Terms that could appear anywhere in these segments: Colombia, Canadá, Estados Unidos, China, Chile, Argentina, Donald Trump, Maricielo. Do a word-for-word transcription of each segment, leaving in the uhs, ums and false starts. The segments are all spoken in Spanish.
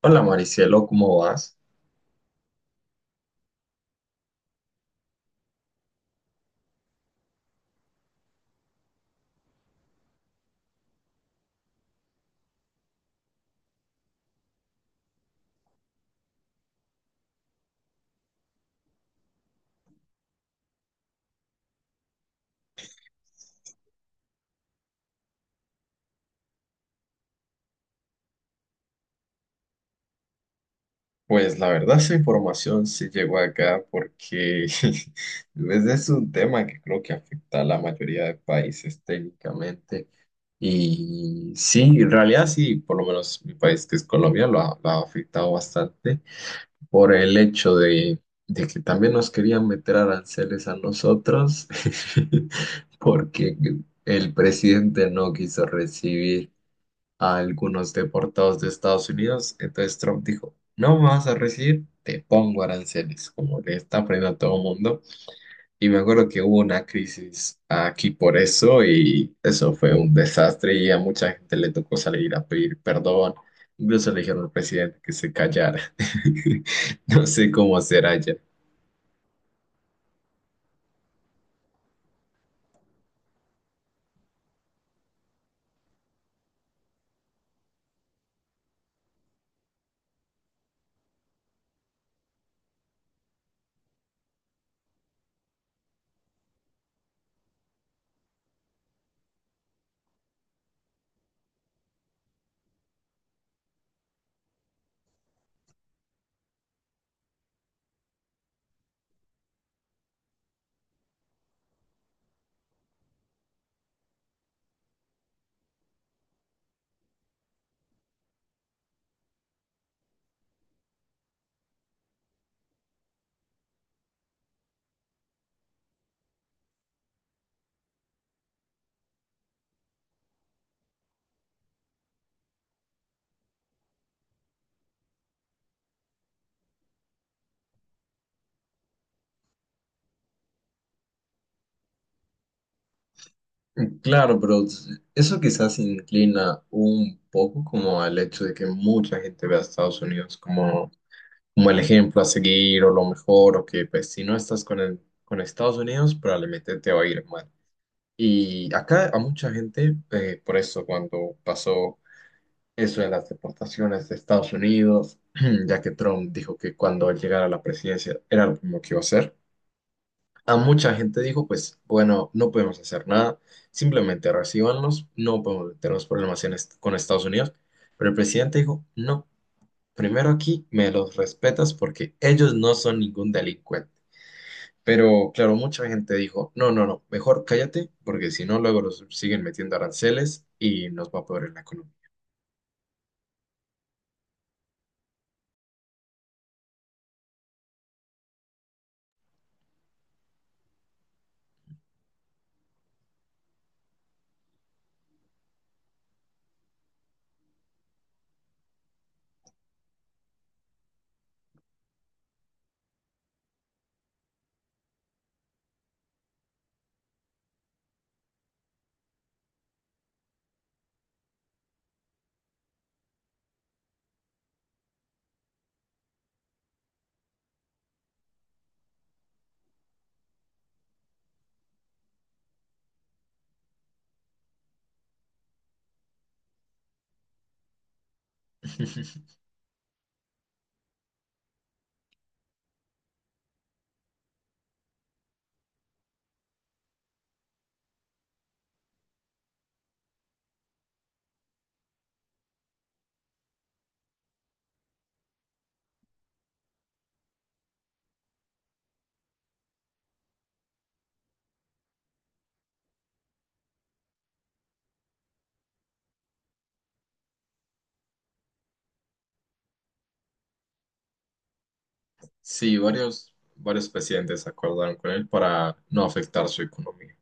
Hola Maricielo, ¿cómo vas? Pues la verdad esa información sí llegó acá porque ese es un tema que creo que afecta a la mayoría de países técnicamente. Y sí, en realidad sí, por lo menos mi país que es Colombia lo ha, lo ha afectado bastante por el hecho de, de que también nos querían meter aranceles a nosotros porque el presidente no quiso recibir a algunos deportados de Estados Unidos. Entonces Trump dijo, no me vas a recibir, te pongo aranceles, como le está poniendo a todo mundo. Y me acuerdo que hubo una crisis aquí por eso y eso fue un desastre y a mucha gente le tocó salir a pedir perdón. Incluso le dijeron al presidente que se callara. No sé cómo será ya. Claro, pero eso quizás inclina un poco como al hecho de que mucha gente ve a Estados Unidos como como el ejemplo a seguir o lo mejor, o que pues si no estás con, el- con Estados Unidos probablemente te va a ir mal. Y acá a mucha gente, eh, por eso cuando pasó eso de las deportaciones de Estados Unidos, ya que Trump dijo que cuando él llegara a la presidencia era lo mismo que iba a hacer, a mucha gente dijo pues bueno, no podemos hacer nada, simplemente recíbanlos, no podemos meternos problemas en est- con Estados Unidos, pero el presidente dijo no. Primero aquí me los respetas porque ellos no son ningún delincuente. Pero claro, mucha gente dijo, no, no, no, mejor cállate porque si no luego los siguen metiendo aranceles y nos va a poder en la economía. Sí, varios, varios presidentes acordaron con él para no afectar su economía.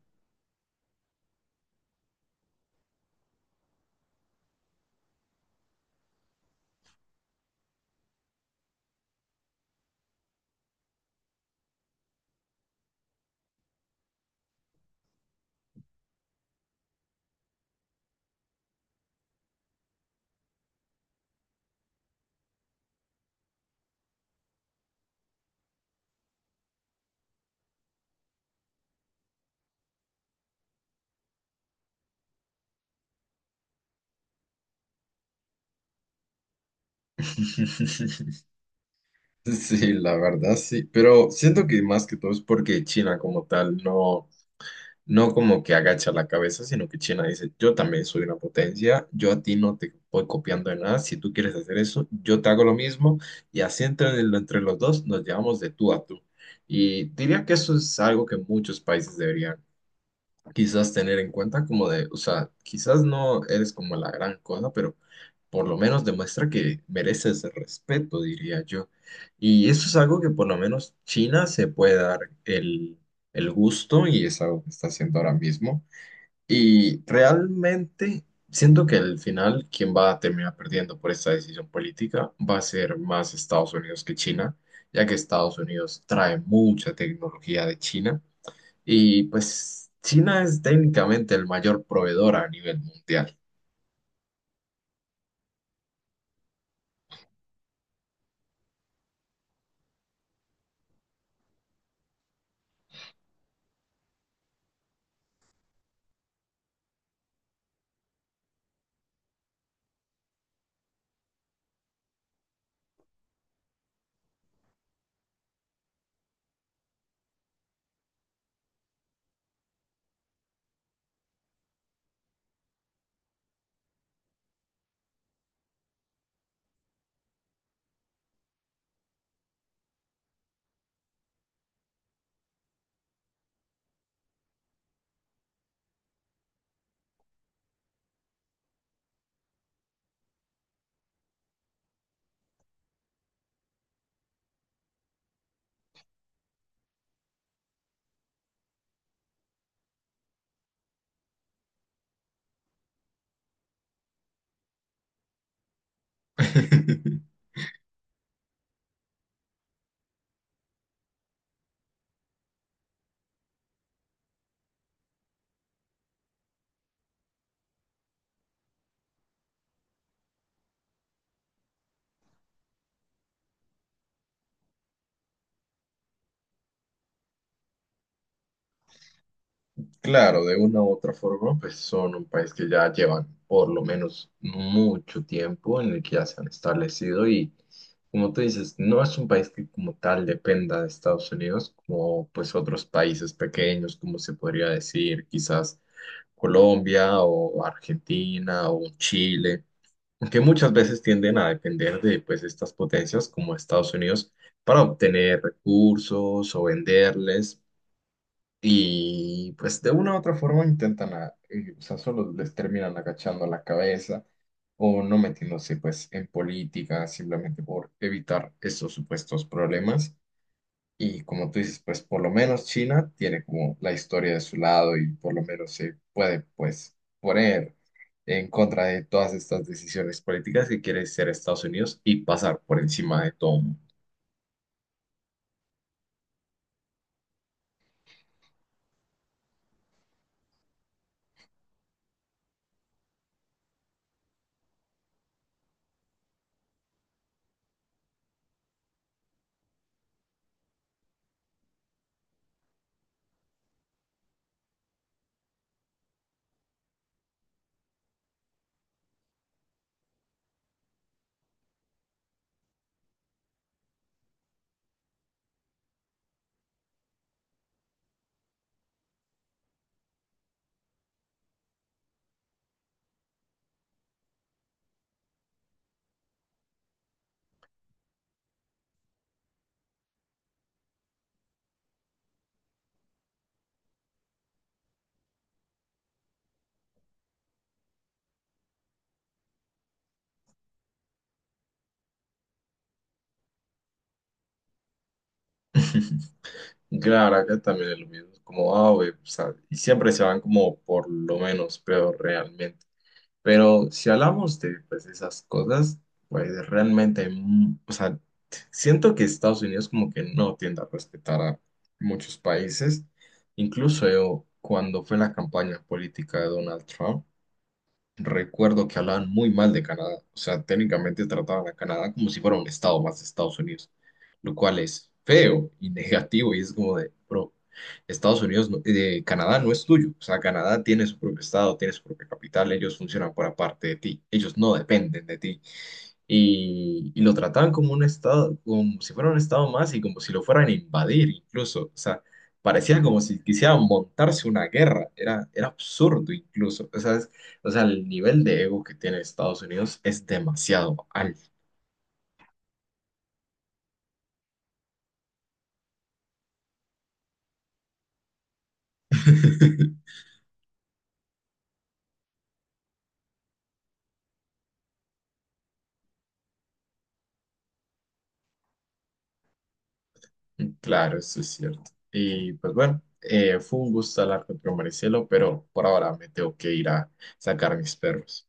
Sí, la verdad sí, pero siento que más que todo es porque China como tal no No como que agacha la cabeza, sino que China dice, yo también soy una potencia, yo a ti no te voy copiando de nada, si tú quieres hacer eso, yo te hago lo mismo y así entre, entre los dos nos llevamos de tú a tú. Y diría que eso es algo que muchos países deberían quizás tener en cuenta como de, o sea, quizás no eres como la gran cosa, pero por lo menos demuestra que mereces el respeto, diría yo. Y eso es algo que por lo menos China se puede dar el, el gusto y es algo que está haciendo ahora mismo. Y realmente siento que al final quien va a terminar perdiendo por esta decisión política va a ser más Estados Unidos que China, ya que Estados Unidos trae mucha tecnología de China y pues China es técnicamente el mayor proveedor a nivel mundial. Claro, de una u otra forma, pues son un país que ya llevan por lo menos mucho tiempo en el que ya se han establecido y, como tú dices, no es un país que como tal dependa de Estados Unidos, como pues otros países pequeños, como se podría decir, quizás Colombia o Argentina o Chile, que muchas veces tienden a depender de pues, estas potencias como Estados Unidos para obtener recursos o venderles y pues de una u otra forma intentan, a- eh, o sea, solo les terminan agachando la cabeza o no metiéndose pues en política simplemente por evitar estos supuestos problemas. Y como tú dices, pues por lo menos China tiene como la historia de su lado y por lo menos se puede pues poner en contra de todas estas decisiones políticas que quiere ser Estados Unidos y pasar por encima de todo. Claro, acá también es lo mismo, como, ah, güey, o sea, y siempre se van como por lo menos peor realmente. Pero si hablamos de pues, esas cosas, pues realmente, hay mu- o sea, siento que Estados Unidos como que no tiende a respetar a muchos países. Incluso yo, cuando fue la campaña política de Donald Trump, recuerdo que hablaban muy mal de Canadá, o sea, técnicamente trataban a Canadá como si fuera un estado más de Estados Unidos, lo cual es feo y negativo y es como de, bro, Estados Unidos, no- eh, Canadá no es tuyo, o sea, Canadá tiene su propio estado, tiene su propia capital, ellos funcionan por aparte de ti, ellos no dependen de ti y, y lo trataban como un estado, como si fuera un estado más y como si lo fueran a invadir incluso. O sea, parecía como si quisieran montarse una guerra. Era, era absurdo incluso. O sea, es- o sea, el nivel de ego que tiene Estados Unidos es demasiado alto. Claro, eso es cierto. Y pues bueno, eh, fue un gusto hablar con Maricelo, pero por ahora me tengo que ir a sacar mis perros.